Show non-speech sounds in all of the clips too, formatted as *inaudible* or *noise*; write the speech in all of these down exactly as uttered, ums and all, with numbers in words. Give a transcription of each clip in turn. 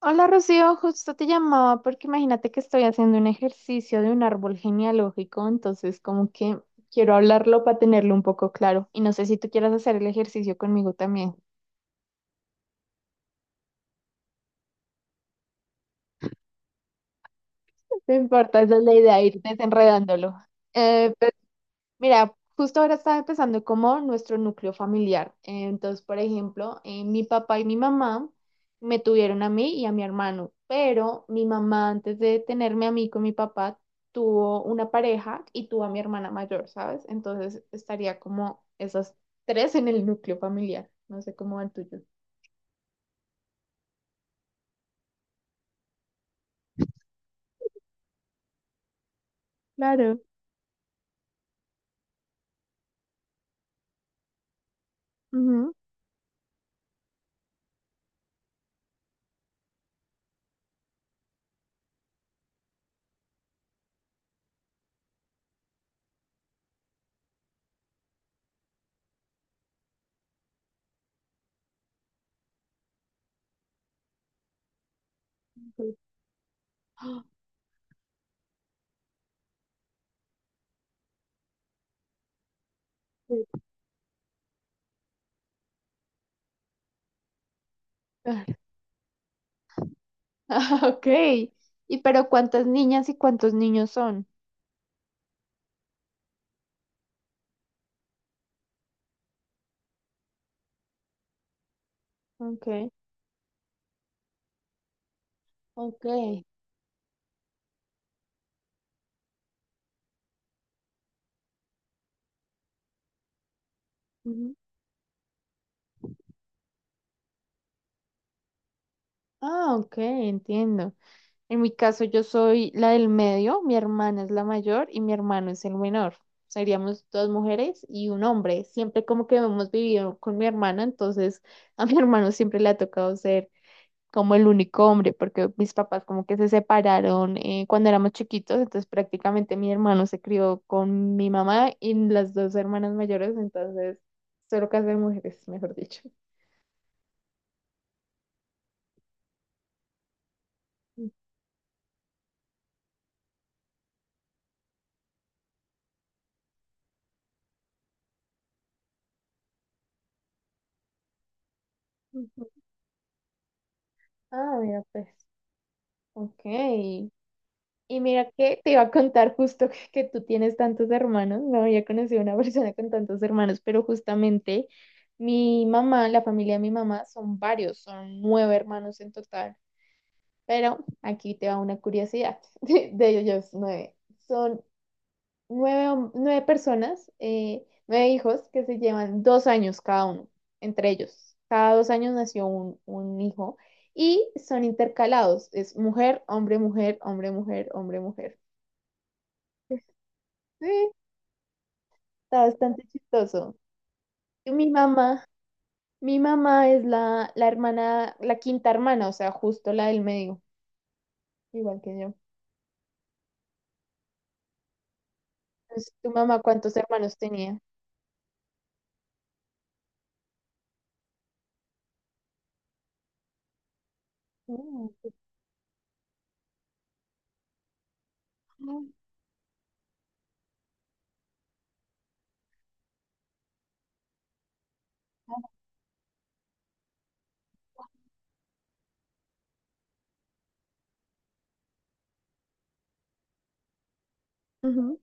Hola Rocío, justo te llamaba porque imagínate que estoy haciendo un ejercicio de un árbol genealógico, entonces como que quiero hablarlo para tenerlo un poco claro y no sé si tú quieras hacer el ejercicio conmigo también. No importa, esa es la idea, ir desenredándolo. Mira, justo ahora estaba empezando como nuestro núcleo familiar. Entonces, por ejemplo, eh, mi papá y mi mamá me tuvieron a mí y a mi hermano, pero mi mamá antes de tenerme a mí con mi papá tuvo una pareja y tuvo a mi hermana mayor, ¿sabes? Entonces estaría como esas tres en el núcleo familiar. No sé cómo va el tuyo. Claro. Ujú. Sí, sí, claro. *laughs* Ah, ok. ¿Y pero cuántas niñas y cuántos niños son? Ok. Ok. Ah, ok, entiendo. En mi caso, yo soy la del medio, mi hermana es la mayor y mi hermano es el menor. Seríamos dos mujeres y un hombre. Siempre como que hemos vivido con mi hermana, entonces *laughs* a mi hermano siempre le ha tocado ser como el único hombre, porque mis papás como que se separaron eh, cuando éramos chiquitos, entonces prácticamente mi hermano se crió con mi mamá y las dos hermanas mayores, entonces solo casa de mujeres, mejor dicho. Ujú. Ah, mira, pues, ok. Y mira que te iba a contar justo *laughs* que, que tú tienes tantos hermanos, no había conocido una *laughs* persona con tantos hermanos, pero justamente mi mamá, la familia de mi mamá son varios, son nueve hermanos en total, pero aquí te va una curiosidad *laughs* de, de ellos nueve. Son nueve, hom- nueve personas, eh, nueve hijos que se llevan dos años cada uno, entre ellos. Cada dos años nació un, un hijo y son intercalados, es mujer, hombre, mujer, hombre, mujer, hombre, mujer. Sí, está bastante chistoso. Y Mi mamá, mi mamá es la, la hermana, la quinta hermana, o sea, justo la del medio, igual que yo. Entonces, ¿tu mamá cuántos hermanos tenía? Mm, ujú. Ujú.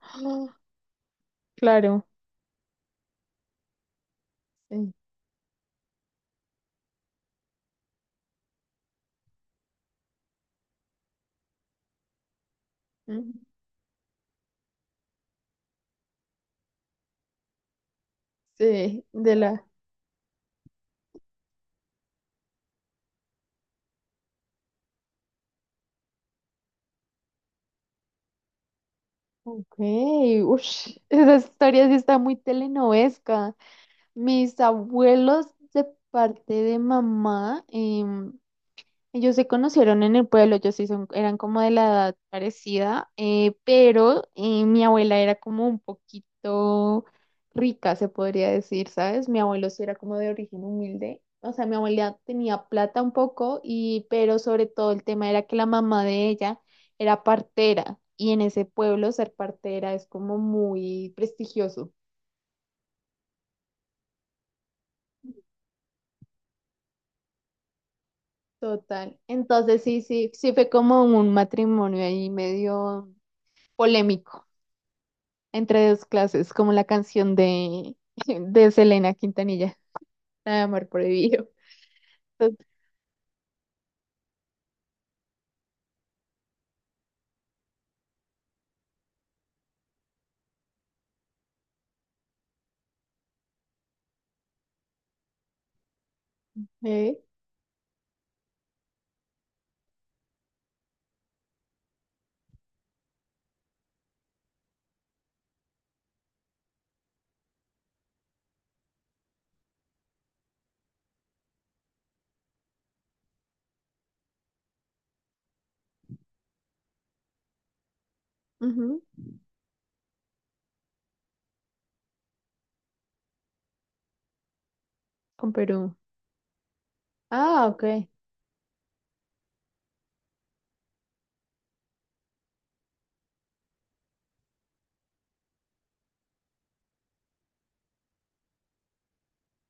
Ah, claro. Sí. Ujú. Sí, de la... Ok, ush, esa historia sí está muy telenovesca. Mis abuelos de parte de mamá, em. Ellos se conocieron en el pueblo, ellos sí son- eran como de la edad parecida, eh, pero eh, mi abuela era como un poquito rica, se podría decir, ¿sabes? Mi abuelo sí era como de origen humilde, o sea, mi abuela tenía plata un poco, y, pero sobre todo el tema era que la mamá de ella era partera, y en ese pueblo ser partera es como muy prestigioso. Total. Entonces sí, sí, sí fue como un matrimonio ahí medio polémico. Entre dos clases, como la canción de, *laughs* de Selena Quintanilla, la de Amor Prohibido. Tot- eh, Ujú. Con Perú. Ah, ok.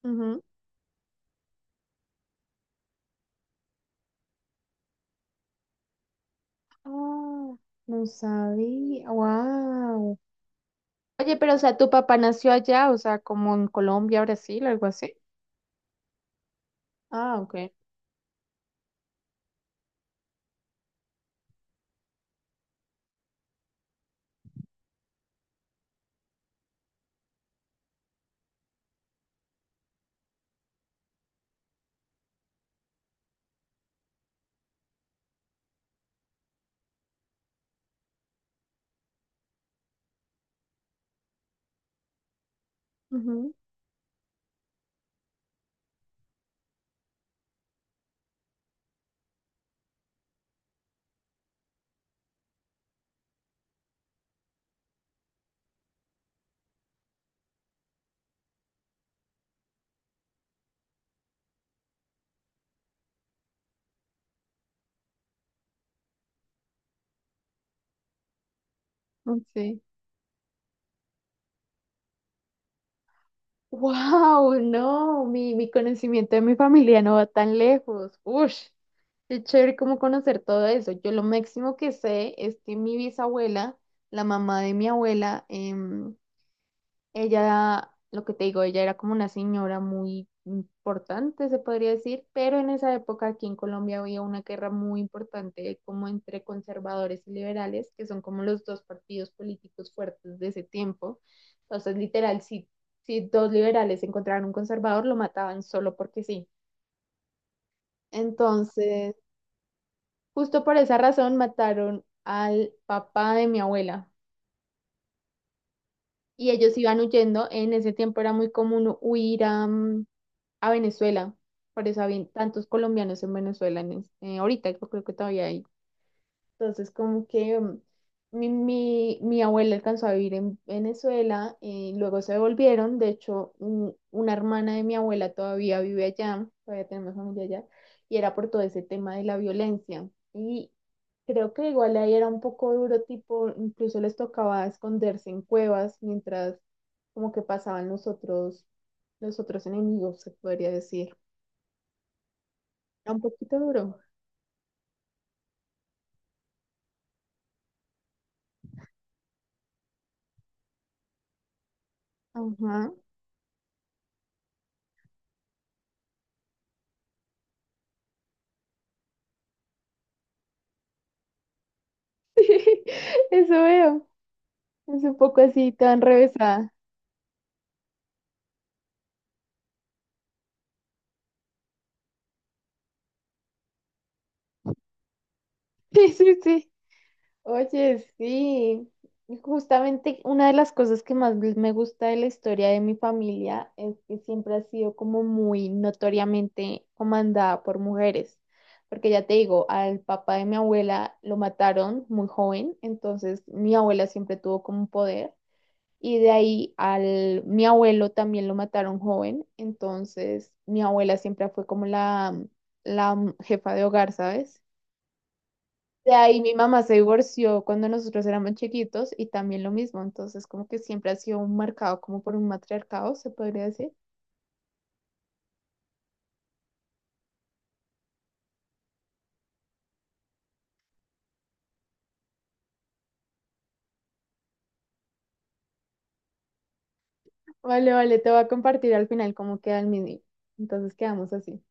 Ujú. Ah, no sabía. Wow. Oye, pero o sea, tu papá nació allá, o sea, como en Colombia, Brasil, algo así. Ah, ok. Ujú. Sí. Wow, no, mi, mi conocimiento de mi familia no va tan lejos. Ush, qué chévere como conocer todo eso. Yo lo máximo que sé es que mi bisabuela, la mamá de mi abuela, em, ella, lo que te digo, ella era como una señora muy importante, se podría decir, pero en esa época aquí en Colombia había una guerra muy importante como entre conservadores y liberales, que son como los dos partidos políticos fuertes de ese tiempo. Entonces, literal, si, si dos liberales encontraban un conservador, lo mataban solo porque sí. Entonces, justo por esa razón mataron al papá de mi abuela. Y ellos iban huyendo. En ese tiempo era muy común huir a, mm, a Venezuela. Por eso había tantos colombianos en Venezuela en es- eh, ahorita, yo creo que todavía hay. Entonces, como que mm, mi, mi, mi abuela alcanzó a vivir en Venezuela, eh luego se devolvieron. De hecho, un- una hermana de mi abuela todavía vive allá, todavía tenemos familia allá, y era por todo ese tema de la violencia. Y creo que igual ahí era un poco duro, tipo, incluso les tocaba esconderse en cuevas mientras como que pasaban los otros, los otros enemigos, se podría decir. *laughs* Era un poquito duro. Ajá. *laughs* Eso veo. Es un poco así, tan revesada. *laughs* Sí, sí, sí. Oye, sí. Justamente una de las cosas que más me gusta de la historia de mi familia es que siempre ha sido como muy notoriamente comandada por mujeres. Porque ya te digo, al papá de mi abuela lo mataron muy joven, entonces mi abuela siempre tuvo como un poder. Y de ahí al mi abuelo también lo mataron joven, entonces mi abuela siempre fue como la, la jefa de hogar, ¿sabes? De ahí mi mamá se divorció cuando nosotros éramos chiquitos y también lo mismo, entonces como que siempre ha sido un marcado como por un matriarcado, se podría decir. Vale, vale, te voy a compartir al final cómo queda el mini. Entonces quedamos así.